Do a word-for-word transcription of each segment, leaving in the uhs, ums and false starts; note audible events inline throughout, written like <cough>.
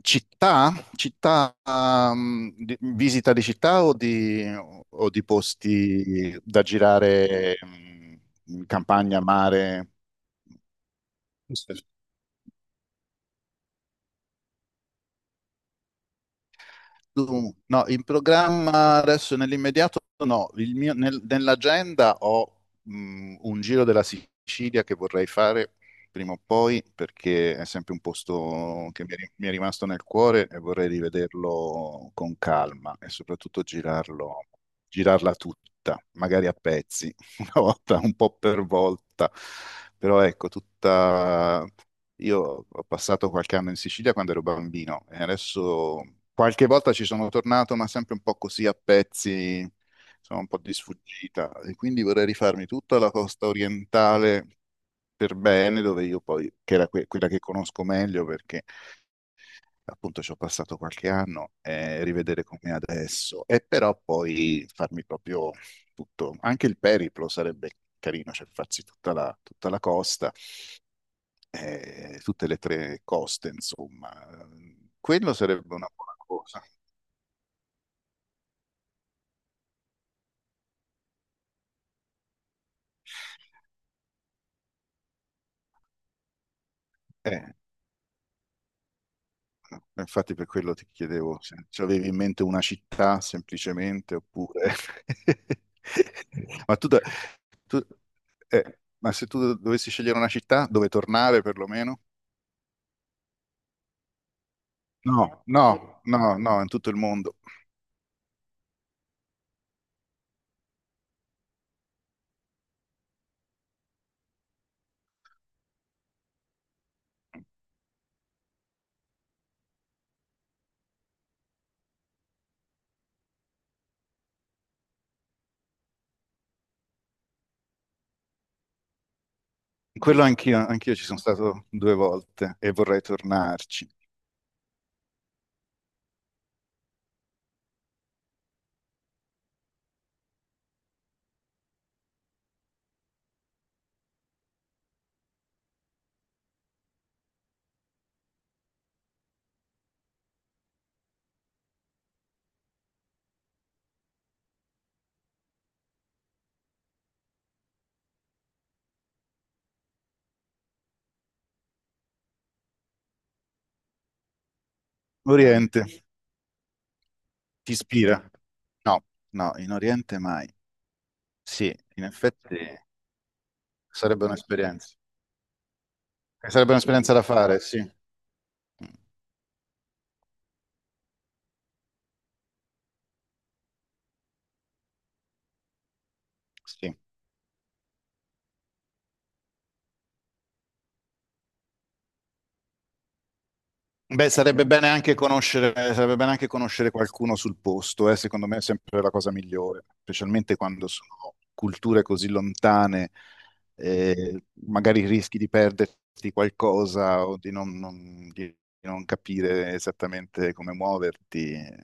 Città? Città, ehm, di- visita di città o di, o di posti da girare, ehm, in campagna, mare? Dun- No, in programma adesso nell'immediato no. Il mio- nel- nell'agenda ho mh, un giro della Sicilia che vorrei fare prima o poi, perché è sempre un posto che mi è, ri- mi è rimasto nel cuore, e vorrei rivederlo con calma e soprattutto girarlo, girarla tutta, magari a pezzi, <laughs> una volta, un po' per volta, però ecco, tutta. Io ho passato qualche anno in Sicilia quando ero bambino, e adesso qualche volta ci sono tornato, ma sempre un po' così a pezzi, sono un po' di sfuggita, e quindi vorrei rifarmi tutta la costa orientale per bene, dove io poi, che era que- quella che conosco meglio, perché appunto ci ho passato qualche anno, e rivedere com'è adesso, e però poi farmi proprio tutto. Anche il periplo sarebbe carino, cioè farsi tutta la tutta la costa, eh, tutte le tre coste, insomma. Quello sarebbe una buona cosa. Eh, no, infatti per quello ti chiedevo se ci avevi in mente una città semplicemente, oppure... <laughs> Ma tu, da- tu- eh, ma se tu dovessi scegliere una città dove tornare, perlomeno? No, no, no, no, in tutto il mondo. Quello anch'io, anch'io ci sono stato due volte e vorrei tornarci. Oriente, ti ispira? No, no, in Oriente mai. Sì, in effetti sarebbe un'esperienza. Sarebbe un'esperienza da fare, sì. Mm, sì. Beh, sarebbe bene anche conoscere, sarebbe bene anche conoscere qualcuno sul posto. Eh, Secondo me è sempre la cosa migliore, specialmente quando sono culture così lontane. Eh, magari rischi di perderti qualcosa, o di non, non- di non capire esattamente come muoverti. Eh,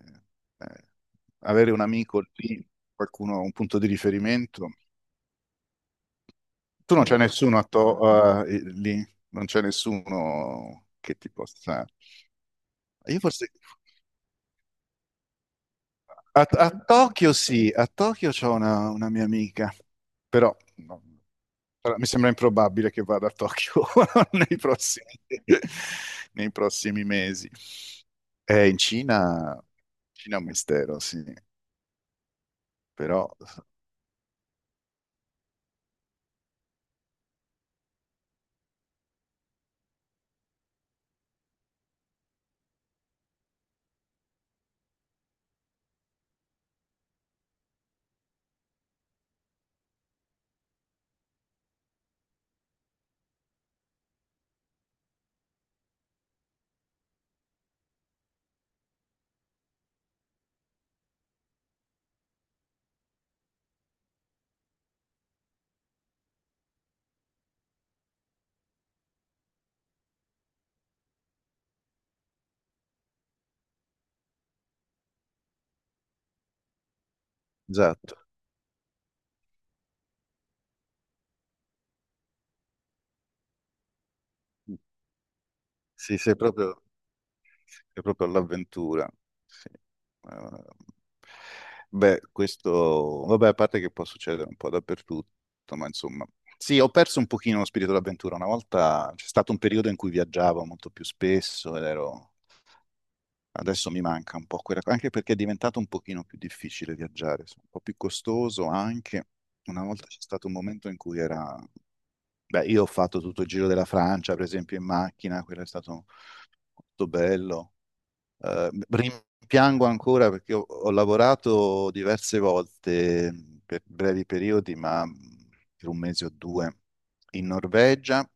avere un amico lì, qualcuno, un punto di riferimento. Tu non c'è nessuno a to- eh, lì, non c'è nessuno che ti possa... Io forse... A, a Tokyo sì, a Tokyo c'ho una, una mia amica. Però no, però mi sembra improbabile che vada a Tokyo <laughs> nei prossimi, nei prossimi mesi. Eh, in Cina, Cina è un mistero, sì, però esatto. Sì, sei proprio... È proprio l'avventura. Sì. Eh, beh, questo, vabbè, a parte che può succedere un po' dappertutto, ma insomma, sì, ho perso un pochino lo spirito d'avventura. Una volta c'è stato un periodo in cui viaggiavo molto più spesso ed ero... Adesso mi manca un po' quella cosa, anche perché è diventato un pochino più difficile viaggiare, un po' più costoso anche. Una volta c'è stato un momento in cui era... Beh, io ho fatto tutto il giro della Francia, per esempio, in macchina. Quello è stato molto bello. Eh, rimpiango ancora, perché ho, ho lavorato diverse volte, mm, per brevi periodi, ma mm, per un mese o due in Norvegia,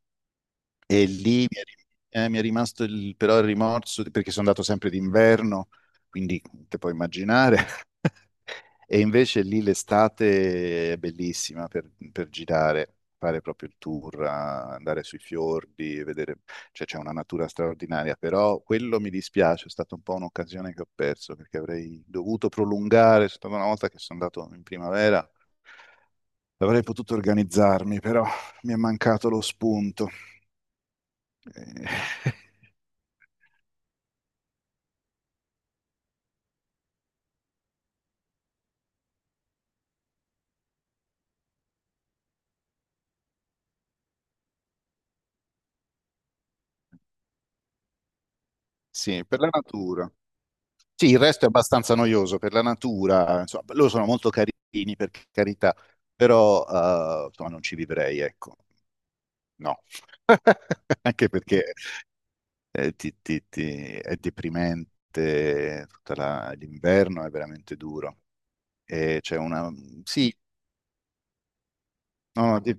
e lì mi è, rim- eh, mi è rimasto il- però il rimorso, di- perché sono andato sempre d'inverno. Quindi te puoi immaginare. E invece lì l'estate è bellissima per, per girare, fare proprio il tour, a- andare sui fiordi, vedere, cioè c'è una natura straordinaria. Però quello mi dispiace, è stata un po' un'occasione che ho perso, perché avrei dovuto prolungare. È stata una volta che sono andato in primavera, avrei potuto organizzarmi, però mi è mancato lo spunto. Eh, <laughs> Sì, per la natura. Sì, il resto è abbastanza noioso per la natura, insomma, loro sono molto carini, per carità, però eh, insomma, non ci vivrei, ecco, no. <laughs> Anche perché eh, ti- ti- ti- è deprimente, tutta la- l'inverno è veramente duro. E c'è una... Sì, no, di-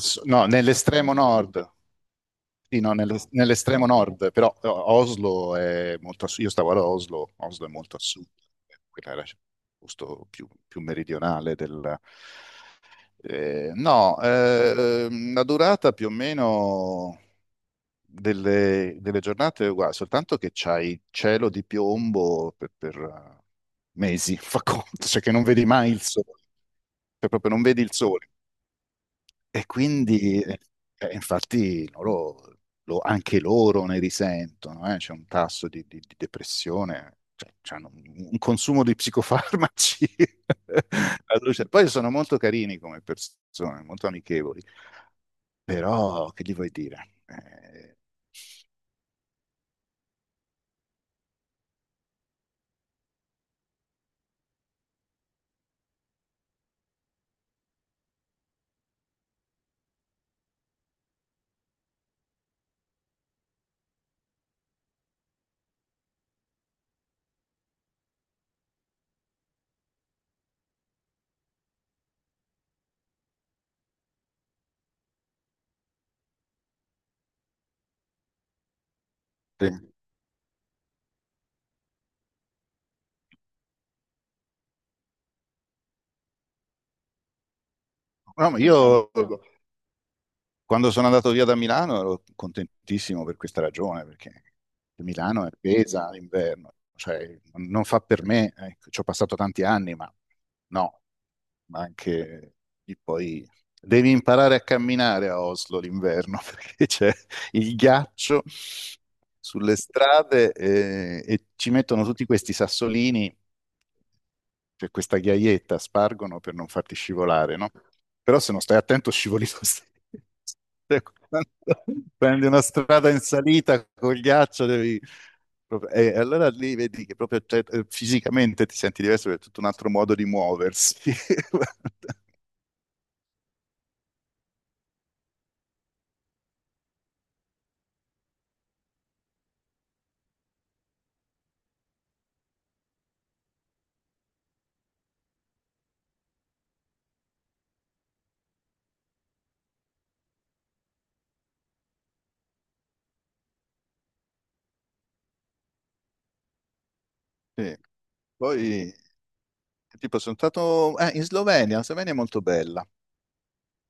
s- no, nell'estremo nord. Sì, no, nelle- nell'estremo nord, però eh, Oslo è molto a sud. Io stavo ad Oslo, Oslo è molto a sud, eh, quella era il posto più, più meridionale del... eh, no, ehm, la durata più o meno delle, delle giornate è uguale, soltanto che c'hai cielo di piombo per, per, eh, mesi, <laughs> fa conto, cioè che non vedi mai il sole, cioè proprio non vedi il sole. E quindi, eh, eh, infatti, loro- lo- anche loro ne risentono. Eh, C'è un tasso di, di- di depressione, cioè c'hanno un, un consumo di psicofarmaci. <laughs> Allucin- Poi sono molto carini come persone, molto amichevoli, però che gli vuoi dire? Eh, te- no, ma io. Esatto. Quando sono andato via da Milano ero contentissimo per questa ragione, perché Milano è pesa l'inverno, cioè non fa per me, ecco. Ci ho passato tanti anni, ma no, ma anche lì poi devi imparare a camminare a Oslo l'inverno, <laughs> perché c'è il ghiaccio sulle strade, eh, e ci mettono tutti questi sassolini, c'è questa ghiaietta, spargono per non farti scivolare, no? Però se non stai attento scivoli lo stesso. <laughs> Cioè, quando prendi una strada in salita col ghiaccio, devi... proprio- E allora lì vedi che proprio, cioè, eh, fisicamente ti senti diverso, perché è tutto un altro modo di muoversi. <laughs> Sì. Poi, tipo, sono stato eh, in Slovenia, la Slovenia è molto bella.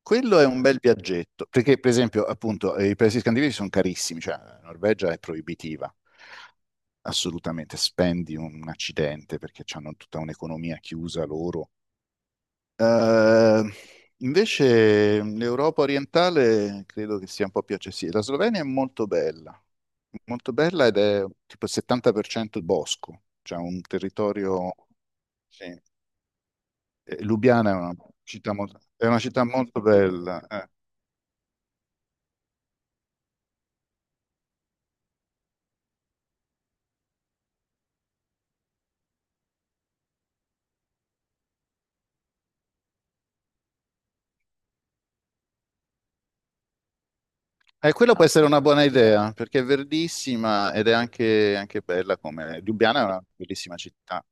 Quello è un bel viaggetto, perché per esempio, appunto, eh, i paesi scandinavi sono carissimi, cioè la Norvegia è proibitiva. Assolutamente spendi un accidente, perché hanno tutta un'economia chiusa loro. Eh, invece l'Europa orientale credo che sia un po' più accessibile. La Slovenia è molto bella, molto bella, ed è tipo il settanta per cento bosco, cioè un territorio... Sì. Eh, Lubiana è una città molto, è una città molto bella. eh. Eh, quello può essere una buona idea, perché è verdissima ed è anche, anche bella come... Lubiana è una bellissima città.